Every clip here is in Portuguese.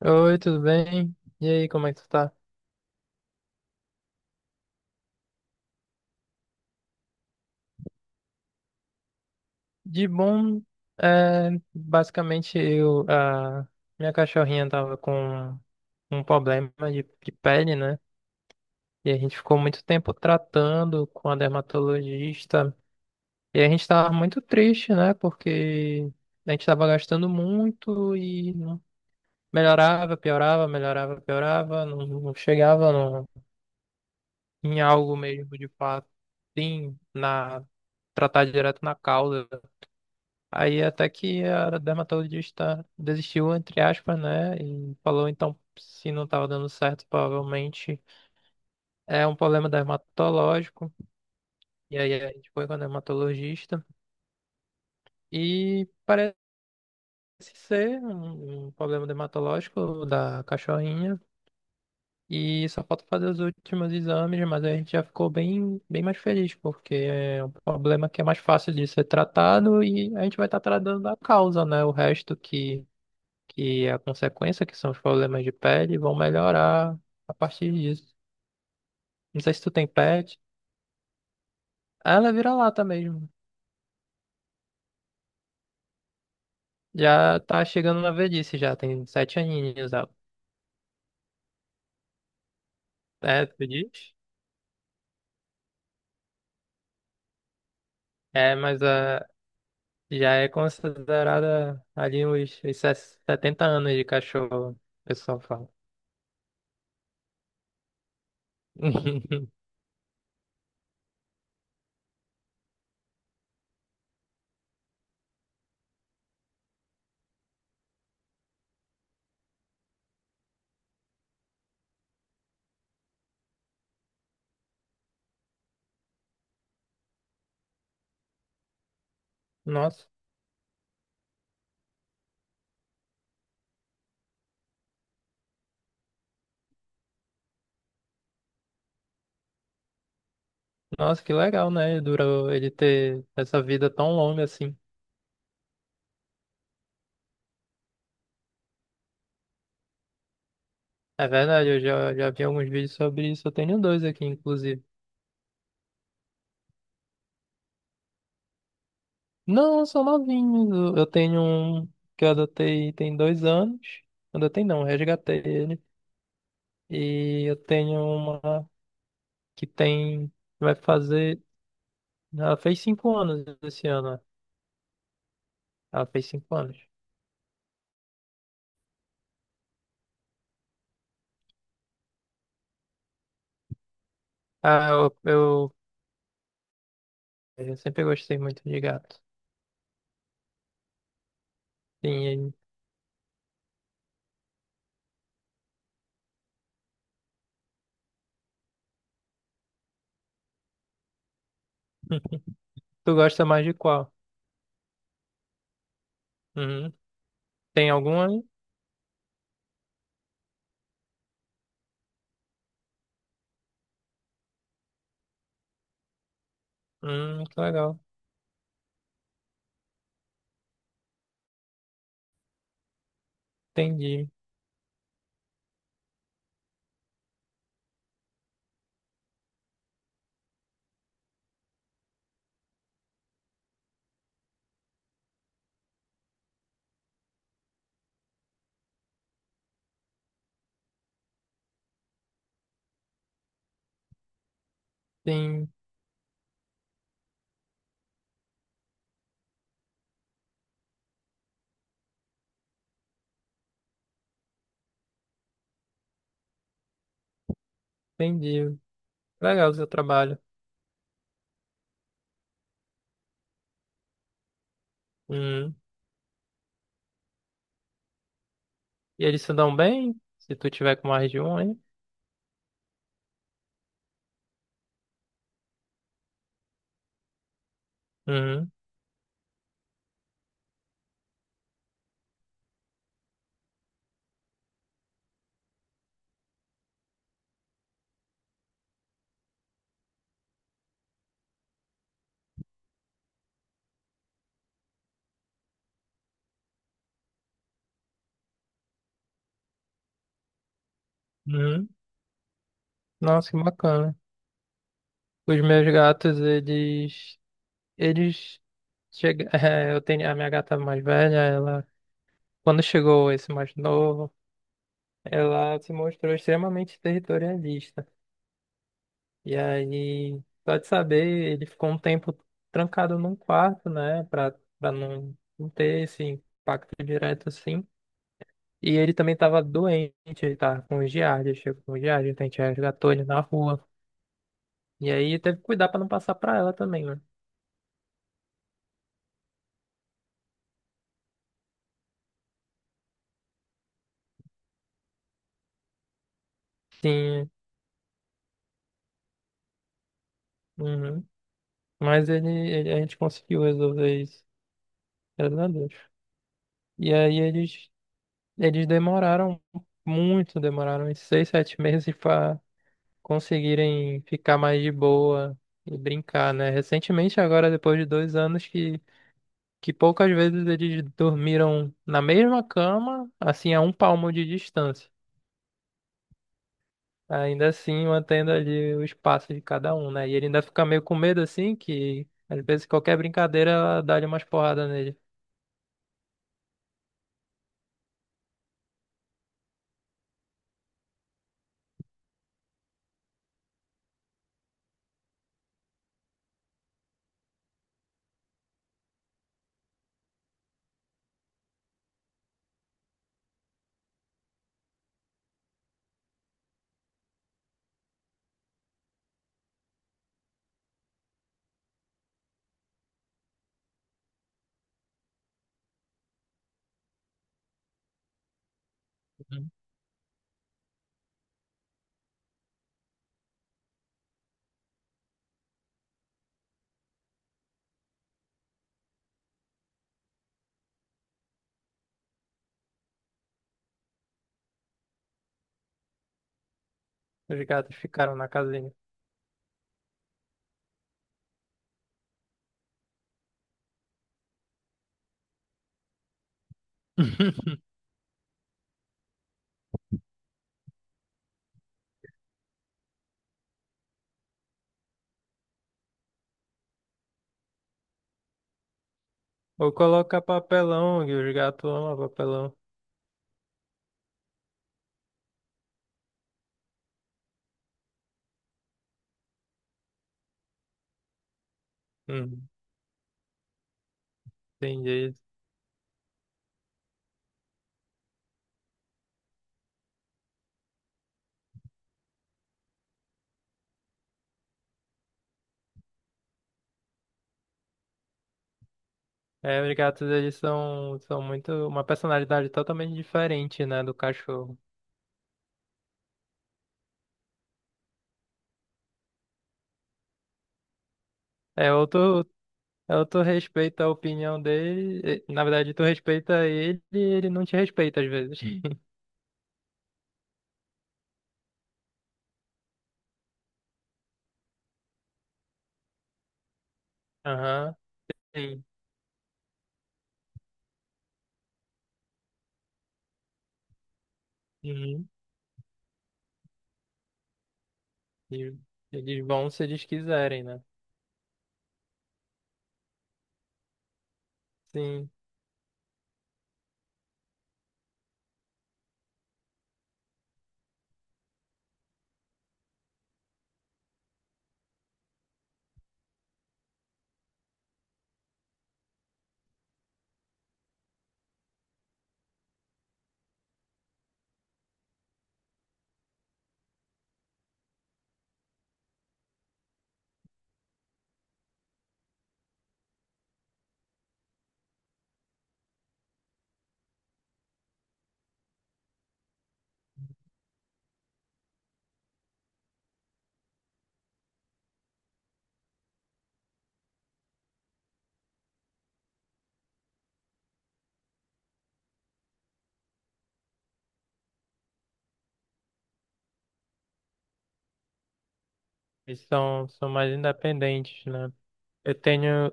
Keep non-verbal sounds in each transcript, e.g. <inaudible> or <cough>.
Oi, tudo bem? E aí, como é que tu tá? De bom, é, basicamente eu, a minha cachorrinha tava com um problema de pele, né? E a gente ficou muito tempo tratando com a dermatologista. E a gente tava muito triste, né? Porque a gente tava gastando muito e não melhorava, piorava, melhorava, piorava, não, não chegava em algo mesmo de fato, sim, na tratar direto na causa. Aí até que a dermatologista desistiu, entre aspas, né? E falou, então, se não estava dando certo, provavelmente é um problema dermatológico. E aí a gente foi com a dermatologista. E parece ser um problema dermatológico da cachorrinha. E só falta fazer os últimos exames, mas a gente já ficou bem, bem mais feliz, porque é um problema que é mais fácil de ser tratado e a gente vai estar tratando a causa, né? O resto que é a consequência, que são os problemas de pele, vão melhorar a partir disso. Não sei se tu tem pet. Ah, ela vira lata mesmo. Já tá chegando na velhice, já tem sete aninhos ela. É, tu diz? É, mas já é considerada ali uns 70 anos de cachorro, o pessoal fala. <laughs> Nossa, nossa, que legal, né? Durou ele ter essa vida tão longa assim. É verdade, eu já vi alguns vídeos sobre isso. Eu tenho dois aqui, inclusive. Não, são novinhos. Eu tenho um que eu adotei tem dois anos. Adotei não, resgatei ele. E eu tenho uma que tem. Vai fazer. Ela fez cinco anos esse ano, né? Ela fez cinco anos. Ah, eu sempre gostei muito de gato. Sim, e- <laughs> tu gosta mais de qual? Uhum. Tem alguma aí? Que legal. Entendi. Sim, entendi. Legal o seu trabalho. Uhum. E eles se dão bem? Se tu tiver com mais de um, aí? Uhum, uhum. Nossa, que bacana. Os meus gatos, eles chega, <laughs> eu tenho a minha gata mais velha, ela, quando chegou esse mais novo, ela se mostrou extremamente territorialista. E aí, só de saber, ele ficou um tempo trancado num quarto, né, pra não, não ter esse impacto direto assim. E ele também estava doente, ele tava com giardia, chegou com giardia, então a gente resgatou ele na rua. E aí teve que cuidar pra não passar pra ela também, né? Sim, uhum. Mas ele- a gente conseguiu resolver isso, graças a Deus. E aí eles demoraram muito, demoraram uns seis, sete <laughs> meses para conseguirem ficar mais de boa e brincar, né? Recentemente, agora depois de dois anos, que poucas vezes eles dormiram na mesma cama, assim, a um palmo de distância. Ainda assim, mantendo ali o espaço de cada um, né? E ele ainda fica meio com medo assim, que às vezes qualquer brincadeira ela dá-lhe umas porradas nele. Uhum. Os gatos ficaram na casinha. <laughs> Ou coloca papelão, que os gatos amam papelão. Hum, entendi. É, os gatos, eles são, são muito... Uma personalidade totalmente diferente, né, do cachorro. É, ou tu respeita a opinião dele... e, na verdade, tu respeita ele e ele não te respeita às vezes. <laughs> Aham, uhum. E eles vão se eles quiserem, né? Sim. Eles são, são mais independentes, né? Eu tenho,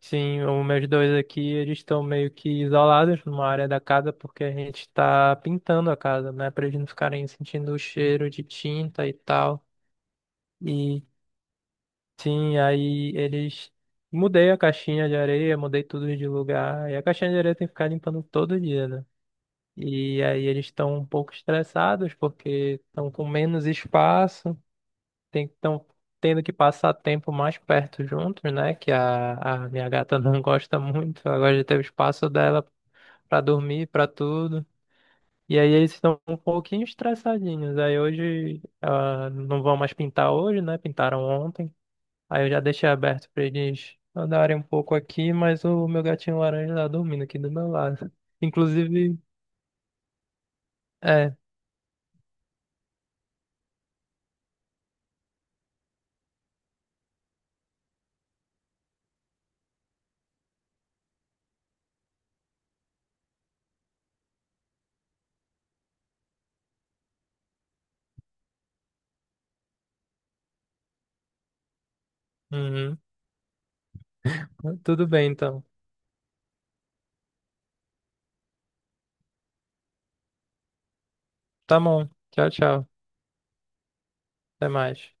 sim, os meus dois aqui, eles estão meio que isolados numa área da casa porque a gente está pintando a casa, né? Para eles não ficarem sentindo o cheiro de tinta e tal. E sim, aí eles. Mudei a caixinha de areia, mudei tudo de lugar. E a caixinha de areia tem que ficar limpando todo dia, né? E aí eles estão um pouco estressados porque estão com menos espaço. Tem estão tendo que passar tempo mais perto juntos, né? Que a minha gata <laughs> não gosta muito. Ela gosta de ter o espaço dela pra dormir, pra tudo. E aí eles estão um pouquinho estressadinhos. Aí hoje ah, não vão mais pintar hoje, né? Pintaram ontem. Aí eu já deixei aberto pra eles andarem um pouco aqui, mas o meu gatinho laranja tá dormindo aqui do meu lado. <laughs> Inclusive, é. Uhum. Tudo bem então. Tá bom. Tchau, tchau. Até mais.